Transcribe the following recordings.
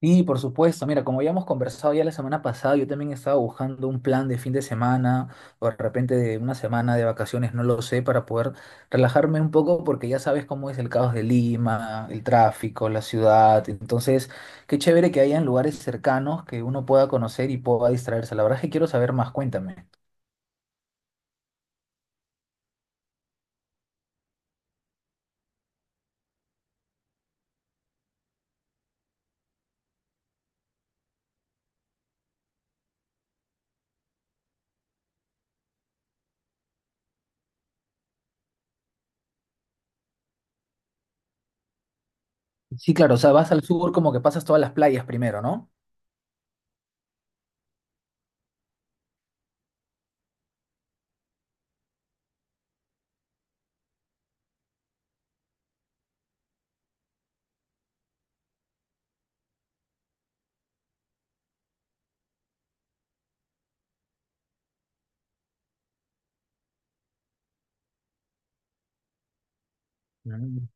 Y por supuesto, mira, como ya hemos conversado ya la semana pasada, yo también estaba buscando un plan de fin de semana o de repente de una semana de vacaciones, no lo sé, para poder relajarme un poco porque ya sabes cómo es el caos de Lima, el tráfico, la ciudad. Entonces, qué chévere que hayan lugares cercanos que uno pueda conocer y pueda distraerse. La verdad es que quiero saber más, cuéntame. Sí, claro, o sea, vas al sur como que pasas todas las playas primero, ¿no? Mm.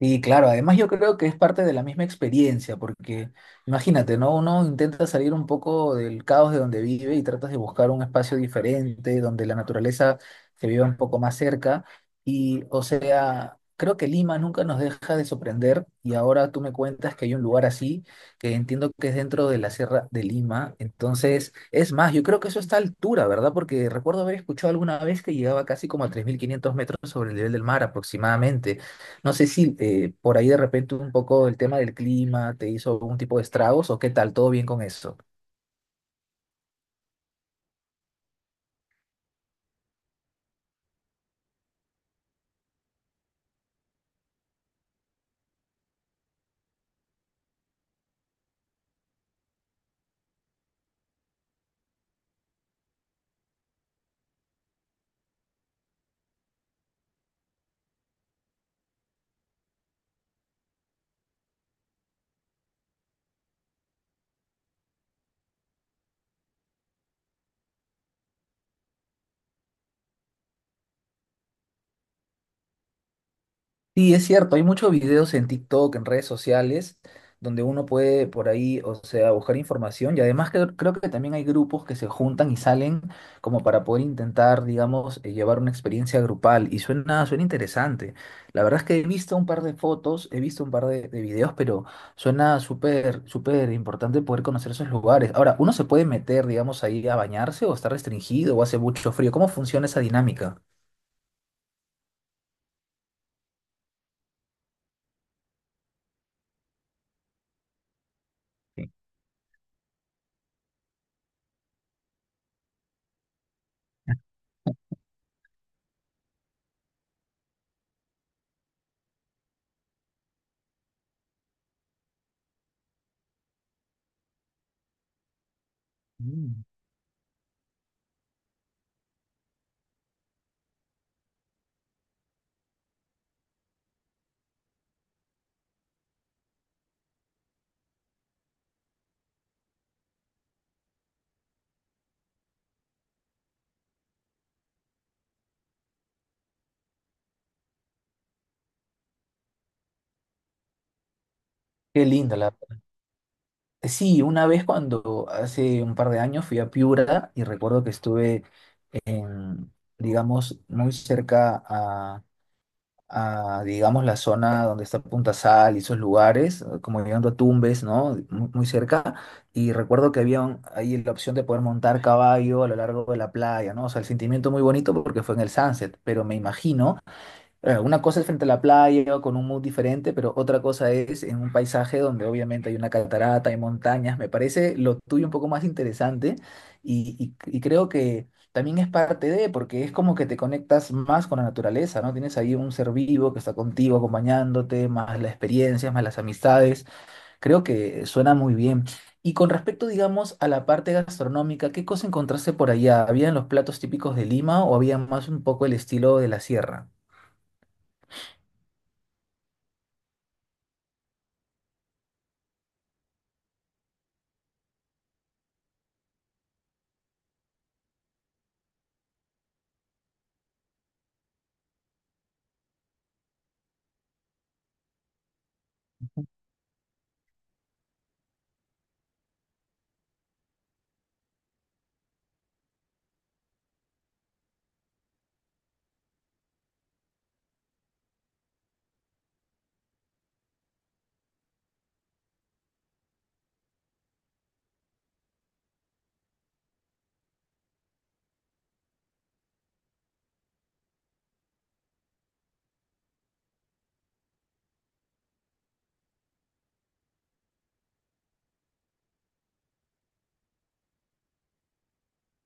Sí, claro, además yo creo que es parte de la misma experiencia, porque imagínate, ¿no? Uno intenta salir un poco del caos de donde vive y tratas de buscar un espacio diferente, donde la naturaleza se viva un poco más cerca. Y, o sea, creo que Lima nunca nos deja de sorprender y ahora tú me cuentas que hay un lugar así, que entiendo que es dentro de la Sierra de Lima. Entonces, es más, yo creo que eso está a altura, ¿verdad? Porque recuerdo haber escuchado alguna vez que llegaba casi como a 3500 metros sobre el nivel del mar aproximadamente. No sé si por ahí de repente un poco el tema del clima te hizo algún tipo de estragos o qué tal, todo bien con eso. Sí, es cierto, hay muchos videos en TikTok, en redes sociales, donde uno puede por ahí, o sea, buscar información y además que creo que también hay grupos que se juntan y salen como para poder intentar, digamos, llevar una experiencia grupal y suena, suena interesante. La verdad es que he visto un par de fotos, he visto un par de videos, pero suena súper, súper importante poder conocer esos lugares. Ahora, ¿uno se puede meter, digamos, ahí a bañarse o está restringido o hace mucho frío? ¿Cómo funciona esa dinámica? Sí. Mm. Qué linda la... Sí, una vez cuando hace un par de años fui a Piura y recuerdo que estuve en, digamos, muy cerca a, digamos, la zona donde está Punta Sal y esos lugares, como llegando a Tumbes, ¿no? Muy, muy cerca. Y recuerdo que había ahí la opción de poder montar caballo a lo largo de la playa, ¿no? O sea, el sentimiento muy bonito porque fue en el sunset, pero me imagino una cosa es frente a la playa o con un mood diferente, pero otra cosa es en un paisaje donde obviamente hay una catarata, hay montañas. Me parece lo tuyo un poco más interesante y, y creo que también es parte de, porque es como que te conectas más con la naturaleza, ¿no? Tienes ahí un ser vivo que está contigo, acompañándote, más las experiencias, más las amistades. Creo que suena muy bien. Y con respecto, digamos, a la parte gastronómica, ¿qué cosa encontraste por allá? ¿Habían los platos típicos de Lima o había más un poco el estilo de la sierra?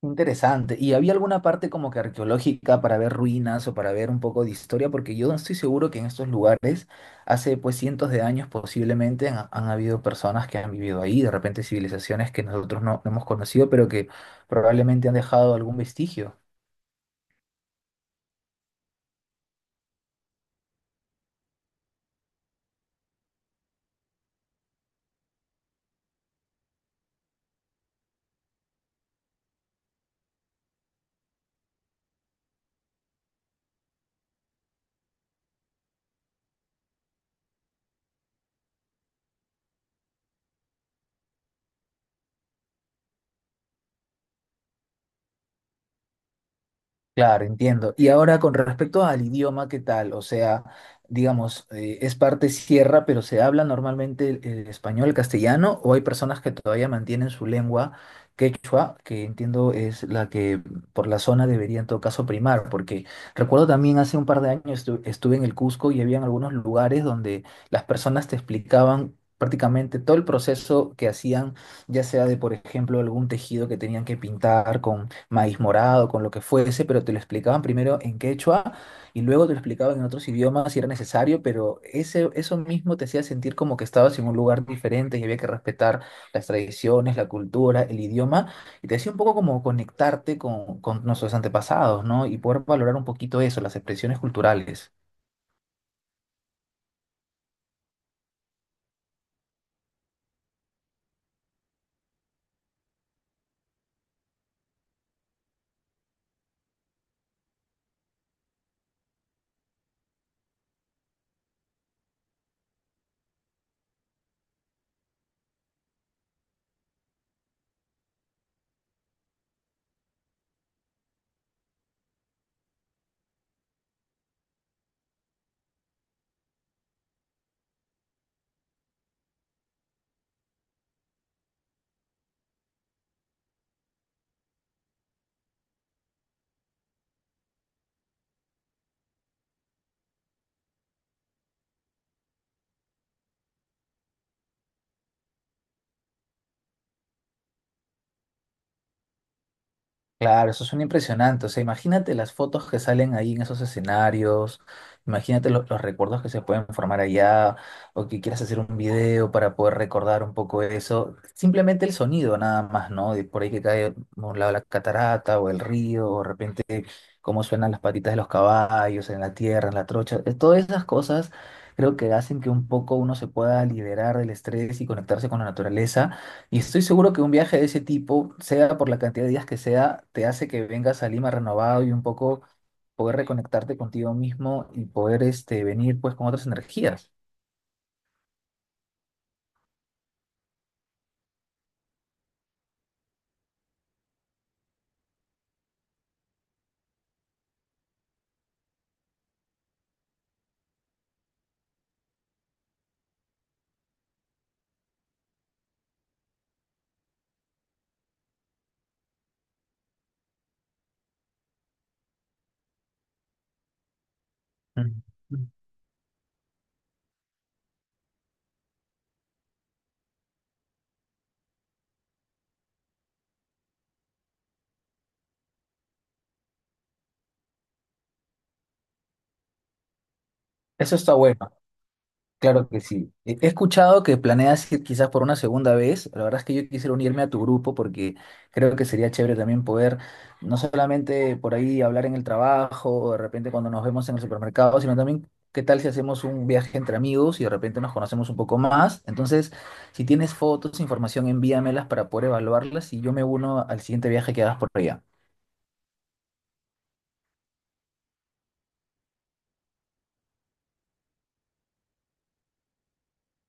Interesante. ¿Y había alguna parte como que arqueológica para ver ruinas o para ver un poco de historia? Porque yo estoy seguro que en estos lugares, hace pues cientos de años posiblemente, han habido personas que han vivido ahí, de repente civilizaciones que nosotros no hemos conocido, pero que probablemente han dejado algún vestigio. Claro, entiendo. Y ahora con respecto al idioma, ¿qué tal? O sea, digamos, es parte sierra, pero ¿se habla normalmente el español, el castellano, o hay personas que todavía mantienen su lengua quechua, que entiendo es la que por la zona debería en todo caso primar? Porque recuerdo también hace un par de años estuve en el Cusco y había algunos lugares donde las personas te explicaban prácticamente todo el proceso que hacían, ya sea de, por ejemplo, algún tejido que tenían que pintar maíz morado, con lo que fuese, pero te lo explicaban primero en quechua y luego te lo explicaban en otros idiomas si era necesario, pero ese, eso mismo te hacía sentir como que estabas en un lugar diferente y había que respetar las tradiciones, la cultura, el idioma, y te hacía un poco como conectarte con nuestros antepasados, ¿no? Y poder valorar un poquito eso, las expresiones culturales. Claro, eso suena impresionante. O sea, imagínate las fotos que salen ahí en esos escenarios, imagínate los recuerdos que se pueden formar allá, o que quieras hacer un video para poder recordar un poco eso. Simplemente el sonido nada más, ¿no? De por ahí que cae a un lado la catarata o el río, o de repente cómo suenan las patitas de los caballos en la tierra, en la trocha. Todas esas cosas creo que hacen que un poco uno se pueda liberar del estrés y conectarse con la naturaleza. Y estoy seguro que un viaje de ese tipo, sea por la cantidad de días que sea, te hace que vengas a Lima renovado y un poco poder reconectarte contigo mismo y poder este, venir pues con otras energías. Mm. Eso está bueno. Claro que sí. He escuchado que planeas ir quizás por una segunda vez. La verdad es que yo quisiera unirme a tu grupo porque creo que sería chévere también poder no solamente por ahí hablar en el trabajo o de repente cuando nos vemos en el supermercado, sino también qué tal si hacemos un viaje entre amigos y de repente nos conocemos un poco más. Entonces, si tienes fotos, información, envíamelas para poder evaluarlas y yo me uno al siguiente viaje que hagas por allá.